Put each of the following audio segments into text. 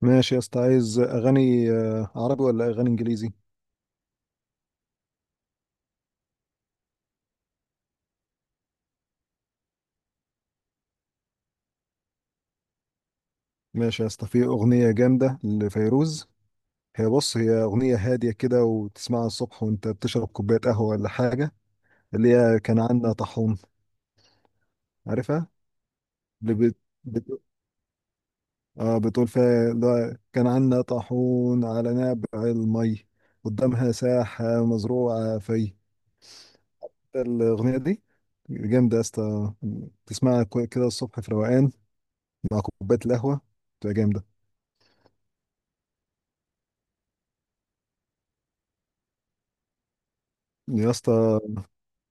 ماشي يا اسطى، عايز اغاني عربي ولا اغاني انجليزي؟ ماشي يا اسطى، في اغنيه جامده لفيروز. هي، بص، هي اغنيه هاديه كده، وتسمعها الصبح وانت بتشرب كوبايه قهوه ولا حاجه. اللي هي كان عندنا طاحون. عارفها؟ اللي بت... بت... بتقول فيها اللي هو كان عندنا طاحون على نبع المي، قدامها ساحه مزروعه في... الاغنيه دي جامده يا اسطى. تسمعها كده الصبح في روقان، مع كوبايه القهوه، تبقى جامده. يا اسطى،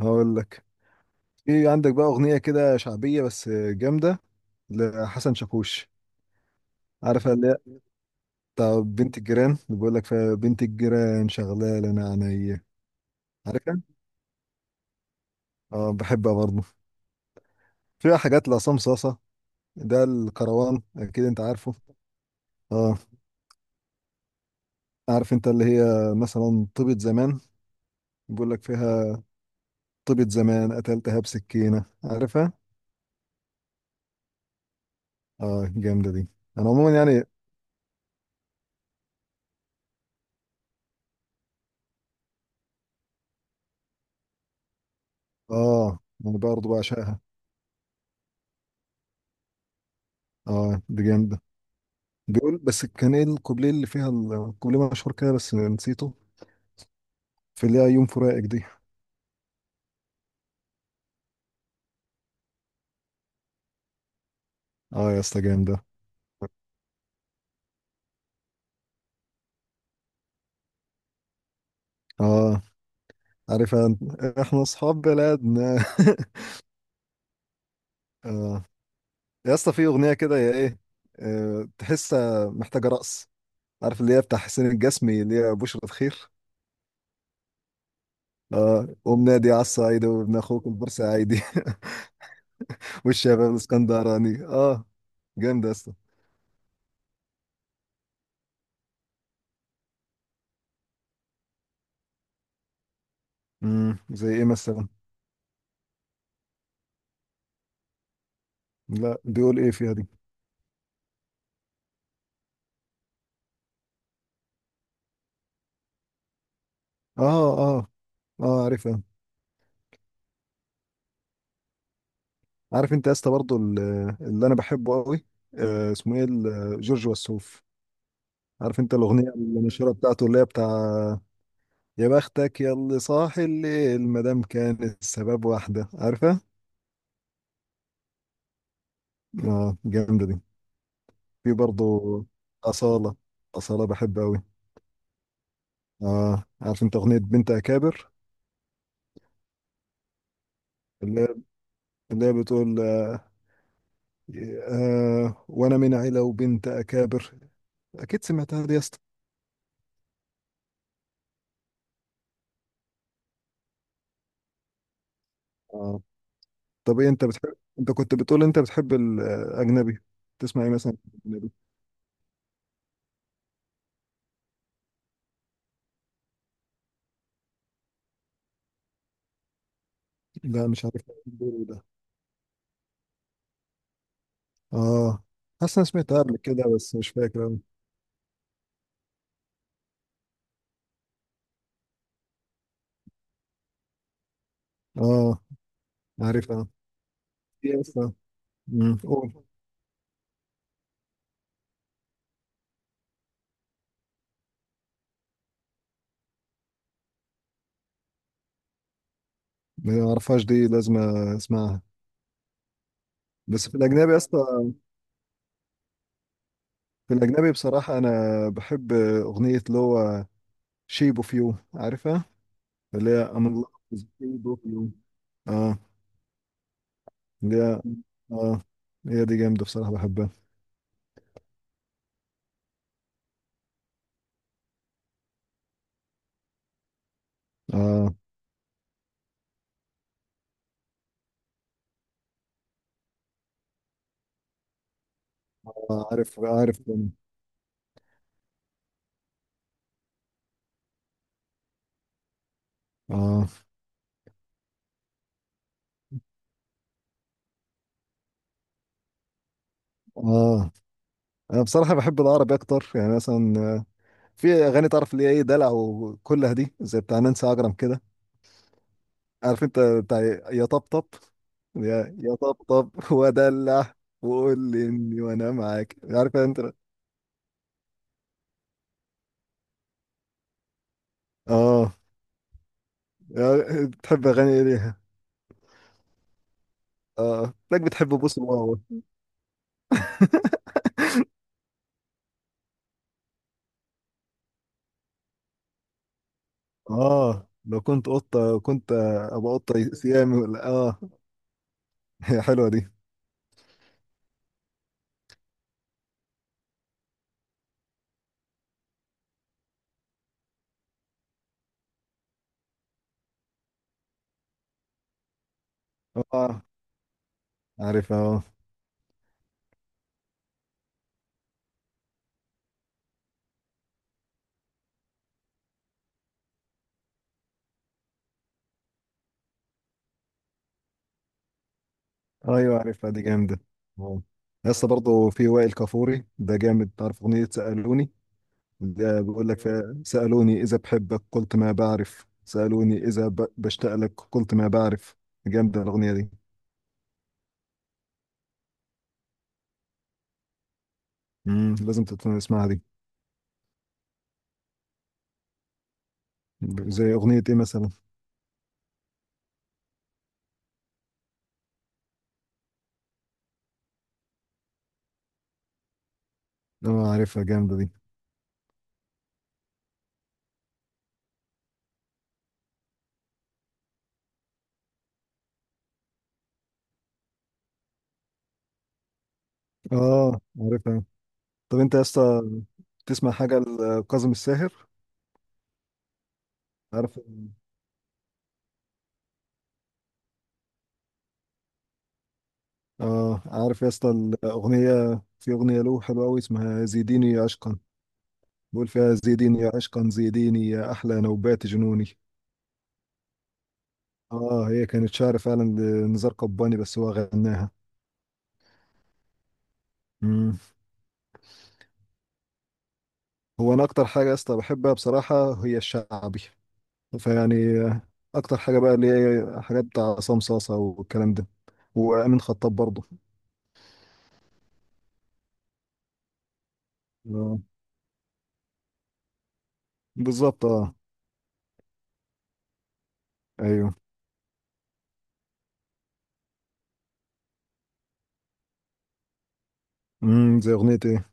هقول لك. في عندك بقى اغنيه كده شعبيه بس جامده، لحسن شاكوش. عارفها؟ اللي هي بتاع بنت الجيران، اللي بيقول لك فيها بنت الجيران شغاله انا عينيا. عارفها؟ اه، بحبها برضه. فيها حاجات لعصام صاصه. ده الكروان، اكيد انت عارفه. اه، عارف انت اللي هي، مثلا، طيبة زمان؟ بيقول لك فيها طيبة زمان قتلتها بسكينه، عارفها؟ اه، جامده دي. انا عموما يعني... اه، انا برضه بعشقها. اه، دي جامده. بيقول بس كان ايه الكوبليه اللي فيها الكوبليه مشهور كده، بس نسيته. في اللي هي يوم فراقك دي. اه يا اسطى، جامدة. اه، عارف احنا اصحاب بلدنا. اه يا اسطى، في اغنية كده يا ايه، تحسها محتاجة رقص. عارف اللي هي بتاع حسين الجسمي، اللي هي بشرة خير؟ اه، قوم نادي على الصعيد وابن اخوك البورسعيدي والشباب الاسكندراني، اه. جامدة يا اسطى. زي ايه مثلا؟ لا، بيقول ايه فيها دي؟ اه، اه، اه، عارفها. عارف انت يا اسطى برضه اللي انا بحبه قوي، اسمه ايه جورج وسوف. عارف انت الاغنيه المشهوره بتاعته، اللي هي بتاع يا بختك يا اللي صاحي الليل ما دام كان السبب واحده، عارفها؟ اه، جامده دي. في برضه اصاله. اصاله بحبها قوي. اه، عارف انت اغنيه بنت اكابر؟ اللي هي اللي هي بتقول وانا من عيله وبنت اكابر. اكيد سمعتها دي يا اسطى. آه. طب، ايه انت بتحب؟ انت كنت بتقول انت بتحب الاجنبي. تسمع ايه مثلا، اجنبي؟ لا، مش عارف الدور ده. اه، حاسس انا سمعتها قبل كده بس مش فاكر أوي. اه، عارفها. ايه اصلا؟ قول. ما اعرفهاش دي، لازم اسمعها. بس في الاجنبي اصلا، في الاجنبي بصراحه، انا بحب اغنيه اللي هو شيب اوف يو، عارفها؟ اللي هي I'm in love with shape of you. اه، اللي هي... اه هي دي جامده بصراحه، بحبها. اه، عارف عارف. اه، اه، انا بصراحه بحب العربي اكتر، يعني مثلا في اغاني تعرف اللي هي ايه، دلع وكلها دي زي بتاع نانسي عجرم كده. عارف انت بتاع يا طبطب، يا طبطب ودلع، وقول لي اني وانا معاك، عارف انت. اه، بتحب اغاني ايه ليها؟ اه، تلاقيك بتحب بوس الواو. اه، لو كنت قطه كنت ابقى قطه سيامي ولا اه. هي حلوه دي. اه، عارفها آه. ايوه، عارفها دي جامده. اه، لسه برضه في وائل كفوري، ده جامد. تعرف اغنيه سالوني؟ ده بيقول لك فيها سالوني اذا بحبك قلت ما بعرف، سالوني اذا بشتاق لك قلت ما بعرف. جامده الاغنيه دي. لازم تسمعها دي. زي اغنيه ايه مثلا؟ اه، عارفها جامده دي. اه، عارفها. طب انت يا اسطى، تسمع حاجه لكاظم الساهر؟ عارف. اه، عارف يا اسطى الاغنيه، في اغنيه له حلوه قوي اسمها زيديني عشقا. بقول فيها زيديني يا عشقا، زيديني يا أحلى نوبات جنوني. آه، هي كانت شعر فعلا لنزار قباني بس هو غناها. مم. هو أنا أكتر حاجة يا اسطى بحبها بصراحة هي الشعبي. فيعني أكتر حاجة بقى اللي هي حاجات بتاع عصام صاصة والكلام ده، وأمين خطاب برضه. آه. بالظبط، آه. أيوه. مم. زي أغنية إيه؟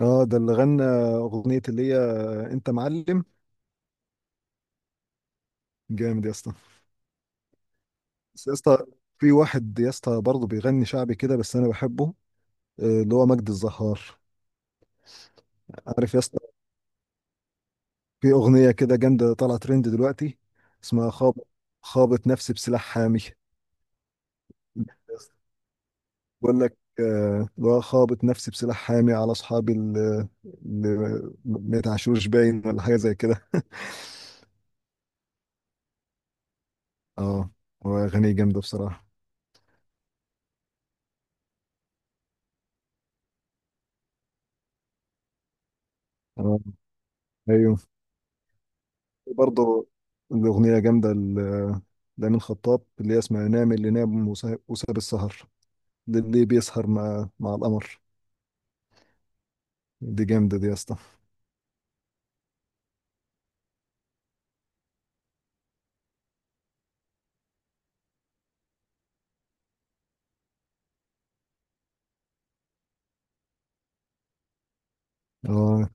آه، ده اللي غنى أغنية اللي هي أنت معلم. جامد يا اسطى. بس يا اسطى، في واحد يا اسطى برضه بيغني شعبي كده بس انا بحبه، اللي هو مجد الزهار. عارف يا اسطى؟ في اغنيه كده جامده طالعه ترند دلوقتي اسمها خابط. خابط نفسي بسلاح حامي. بقول لك اللي هو خابط نفسي بسلاح حامي على اصحابي اللي ما يتعشوش، باين ولا حاجه زي كده. اه، هو اغاني جامده بصراحه. آه، ايوه برضه. الاغنيه جامده لأمين خطاب، اللي هي اسمها نام اللي نام وساب وساب السهر، للي بيسهر مع القمر. دي جامده دي يا اسطى. اه،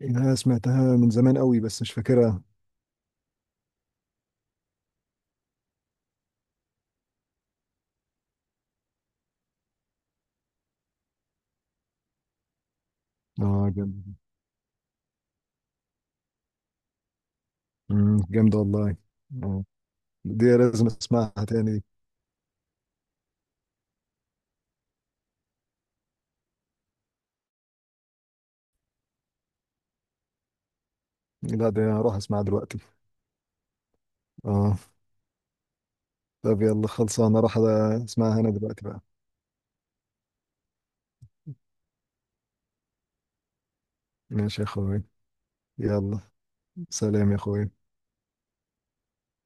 يعني انا سمعتها من زمان قوي بس مش فاكرها. اه، جامدة. جامدة والله. اه، دي لازم اسمعها تاني. دي. لا، دي هروح اسمعها دلوقتي. اه. طب يلا، خلصانة اروح اسمعها انا دلوقتي بقى. ماشي يا اخوي. يلا، سلام يا اخوي.